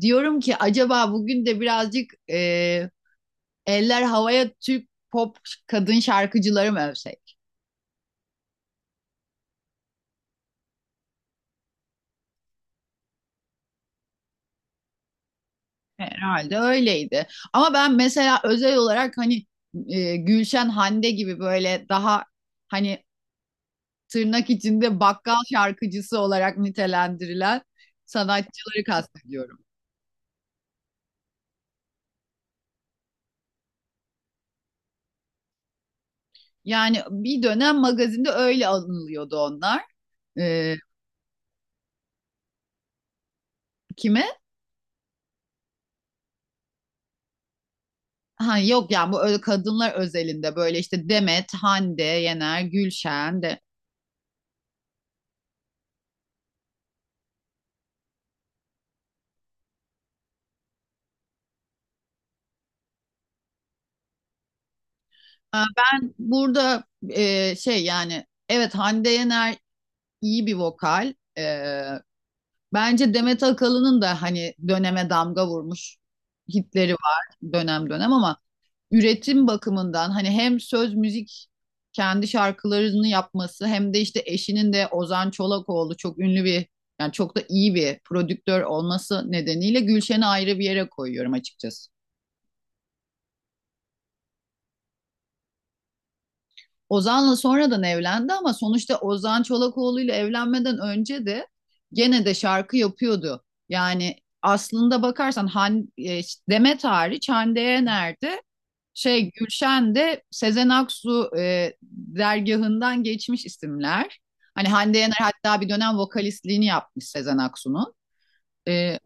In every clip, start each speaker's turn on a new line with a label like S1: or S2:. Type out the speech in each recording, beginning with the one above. S1: Diyorum ki acaba bugün de birazcık eller havaya Türk pop kadın şarkıcıları mı övsek? Herhalde öyleydi. Ama ben mesela özel olarak Gülşen Hande gibi böyle daha hani tırnak içinde bakkal şarkıcısı olarak nitelendirilen sanatçıları kastediyorum. Yani bir dönem magazinde öyle anılıyordu onlar. E, kime? Ha yok, yani bu öyle kadınlar özelinde, böyle işte Demet, Hande, Yener, Gülşen de. Ha, ben burada yani evet, Hande Yener iyi bir vokal. Bence Demet Akalın'ın da hani döneme damga vurmuş hitleri var dönem dönem, ama üretim bakımından hani hem söz müzik kendi şarkılarını yapması, hem de işte eşinin de Ozan Çolakoğlu çok ünlü bir, yani çok da iyi bir prodüktör olması nedeniyle Gülşen'i ayrı bir yere koyuyorum açıkçası. Ozan'la sonradan evlendi ama sonuçta Ozan Çolakoğlu ile evlenmeden önce de gene de şarkı yapıyordu. Yani aslında bakarsan Demet hariç Hande Yener'de, Gülşen de Sezen Aksu dergahından geçmiş isimler. Hani Hande Yener hatta bir dönem vokalistliğini yapmış Sezen Aksu'nun. E,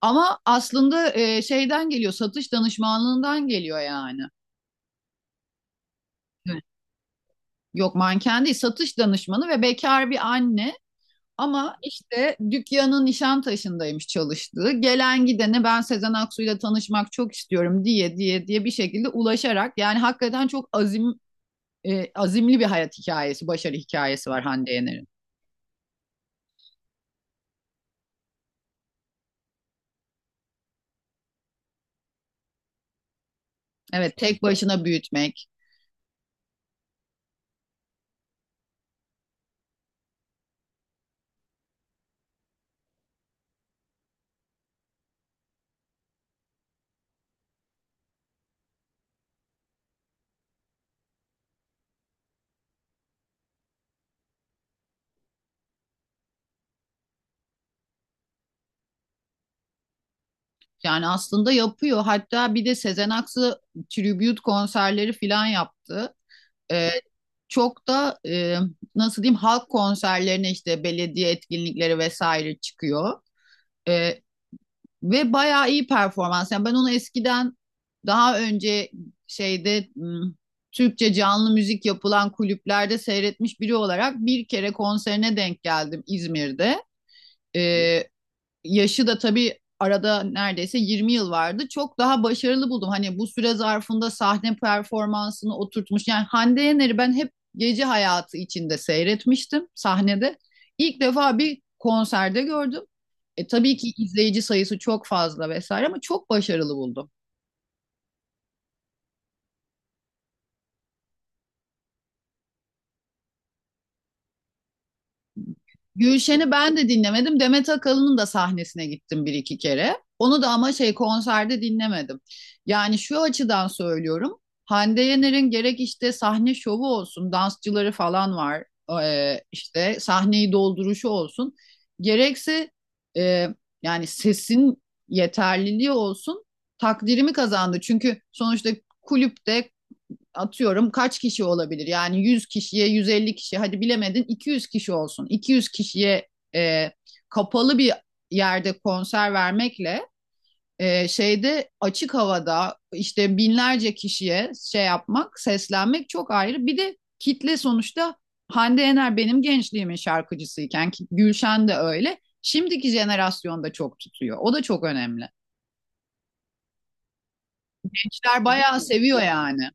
S1: ama aslında e, şeyden geliyor, satış danışmanlığından geliyor yani. Evet. Yok manken değil, satış danışmanı ve bekar bir anne. Ama işte dükkanın Nişantaşı'ndaymış çalıştığı. Gelen gidene ben Sezen Aksu'yla tanışmak çok istiyorum diye diye diye bir şekilde ulaşarak yani hakikaten çok azimli bir hayat hikayesi, başarı hikayesi var Hande Yener'in. Evet, tek başına büyütmek. Yani aslında yapıyor. Hatta bir de Sezen Aksu tribute konserleri falan yaptı. Ee, çok da nasıl diyeyim, halk konserlerine, işte belediye etkinlikleri vesaire çıkıyor. Ee, Ve bayağı iyi performans. Yani ben onu eskiden, daha önce, şeyde m, Türkçe canlı müzik yapılan kulüplerde seyretmiş biri olarak bir kere konserine denk geldim İzmir'de. Ee, yaşı da tabii arada neredeyse 20 yıl vardı. Çok daha başarılı buldum. Hani bu süre zarfında sahne performansını oturtmuş. Yani Hande Yener'i ben hep gece hayatı içinde seyretmiştim sahnede. İlk defa bir konserde gördüm. E, tabii ki izleyici sayısı çok fazla vesaire ama çok başarılı buldum. Gülşen'i ben de dinlemedim. Demet Akalın'ın da sahnesine gittim bir iki kere. Onu da ama şey konserde dinlemedim. Yani şu açıdan söylüyorum. Hande Yener'in gerek işte sahne şovu olsun, dansçıları falan var. İşte sahneyi dolduruşu olsun, gerekse e, yani sesin yeterliliği olsun, takdirimi kazandı. Çünkü sonuçta kulüpte atıyorum kaç kişi olabilir? Yani 100 kişiye, 150 kişi, hadi bilemedin 200 kişi olsun. 200 kişiye e, kapalı bir yerde konser vermekle, şeyde açık havada işte binlerce kişiye şey yapmak, seslenmek çok ayrı. Bir de kitle sonuçta Hande Yener benim gençliğimin şarkıcısıyken Gülşen de öyle. Şimdiki jenerasyonda çok tutuyor. O da çok önemli. Gençler bayağı seviyor yani.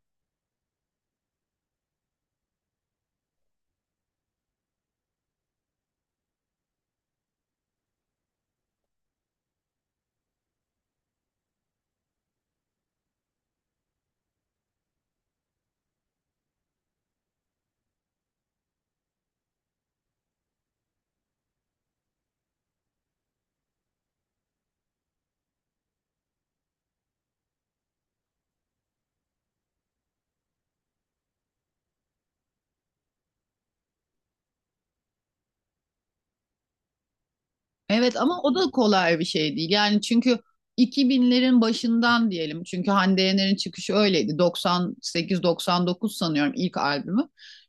S1: Evet, ama o da kolay bir şey değil. Yani çünkü 2000'lerin başından diyelim. Çünkü Hande Yener'in çıkışı öyleydi. 98-99 sanıyorum ilk albümü.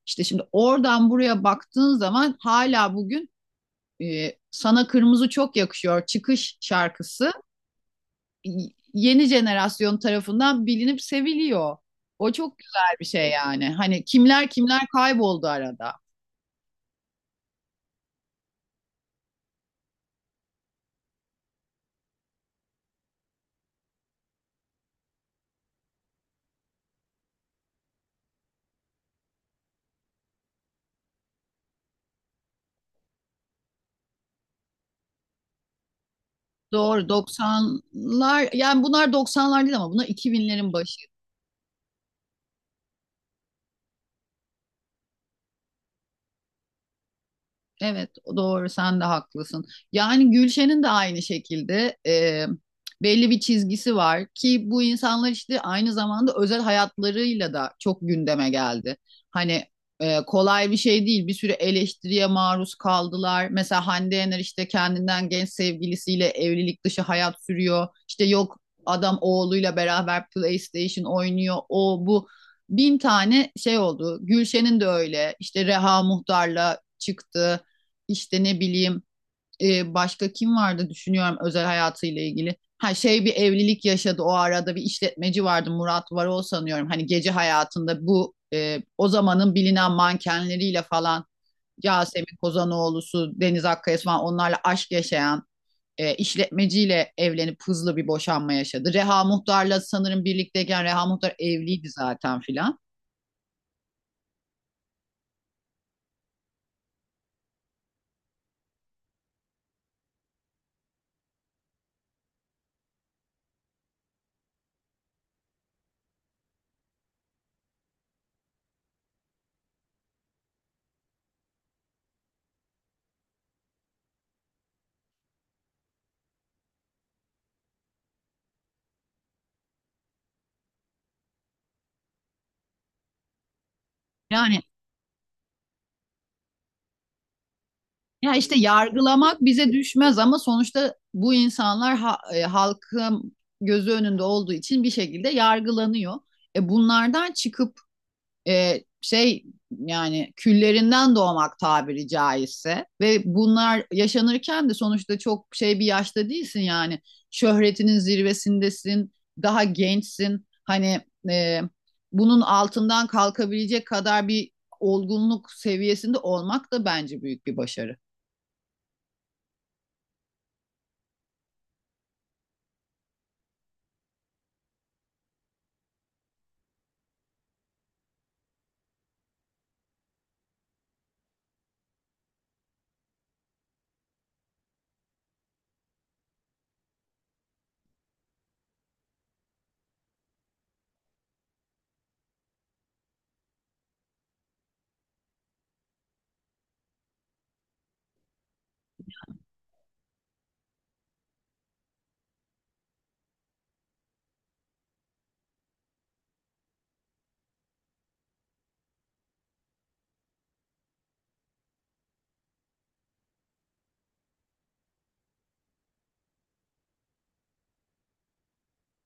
S1: İşte şimdi oradan buraya baktığın zaman hala bugün Sana Kırmızı Çok Yakışıyor çıkış şarkısı yeni jenerasyon tarafından bilinip seviliyor. O çok güzel bir şey yani. Hani kimler kimler kayboldu arada. Doğru, 90'lar, yani bunlar 90'lar değil ama bunlar 2000'lerin başı. Evet, doğru, sen de haklısın. Yani Gülşen'in de aynı şekilde belli bir çizgisi var ki bu insanlar işte aynı zamanda özel hayatlarıyla da çok gündeme geldi. Hani kolay bir şey değil. Bir sürü eleştiriye maruz kaldılar. Mesela Hande Yener işte kendinden genç sevgilisiyle evlilik dışı hayat sürüyor, İşte yok adam oğluyla beraber PlayStation oynuyor. O bu bin tane şey oldu. Gülşen'in de öyle. İşte Reha Muhtar'la çıktı, işte ne bileyim, başka kim vardı düşünüyorum özel hayatıyla ilgili. Ha şey, bir evlilik yaşadı o arada, bir işletmeci vardı, Murat Varol sanıyorum. Hani gece hayatında bu o zamanın bilinen mankenleriyle falan, Yasemin Kozanoğlu'su, Deniz Akkaya'sı falan, onlarla aşk yaşayan işletmeciyle evlenip hızlı bir boşanma yaşadı. Reha Muhtar'la sanırım birlikteyken Reha Muhtar evliydi zaten filan. Yani ya işte yargılamak bize düşmez ama sonuçta bu insanlar halkın gözü önünde olduğu için bir şekilde yargılanıyor. E, bunlardan çıkıp e, şey yani küllerinden doğmak tabiri caizse, ve bunlar yaşanırken de sonuçta çok şey bir yaşta değilsin, yani şöhretinin zirvesindesin, daha gençsin, hani e, bunun altından kalkabilecek kadar bir olgunluk seviyesinde olmak da bence büyük bir başarı.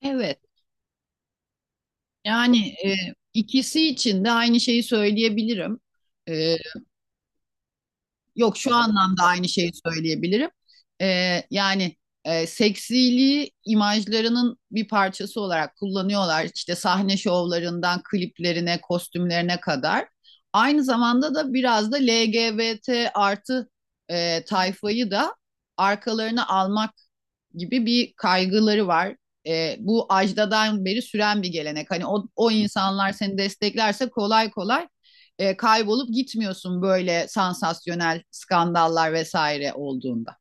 S1: Evet, yani e, ikisi için de aynı şeyi söyleyebilirim. E, yok şu anlamda aynı şeyi söyleyebilirim. Ee, yani seksiliği imajlarının bir parçası olarak kullanıyorlar. İşte sahne şovlarından kliplerine, kostümlerine kadar. Aynı zamanda da biraz da LGBT artı tayfayı da arkalarına almak gibi bir kaygıları var. E, bu ajdadan beri süren bir gelenek. Hani o insanlar seni desteklerse kolay kolay kaybolup gitmiyorsun, böyle sansasyonel skandallar vesaire olduğunda.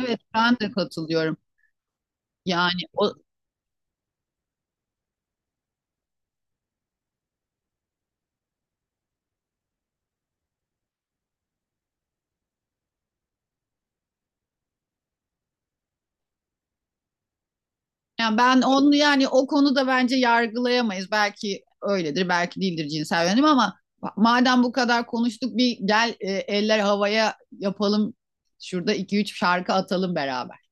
S1: Evet, ben de katılıyorum. Yani o yani ben onu, yani o konuda bence yargılayamayız. Belki öyledir, belki değildir cinsel yönelim, ama madem bu kadar konuştuk bir gel eller havaya yapalım. Şurada iki üç şarkı atalım beraber.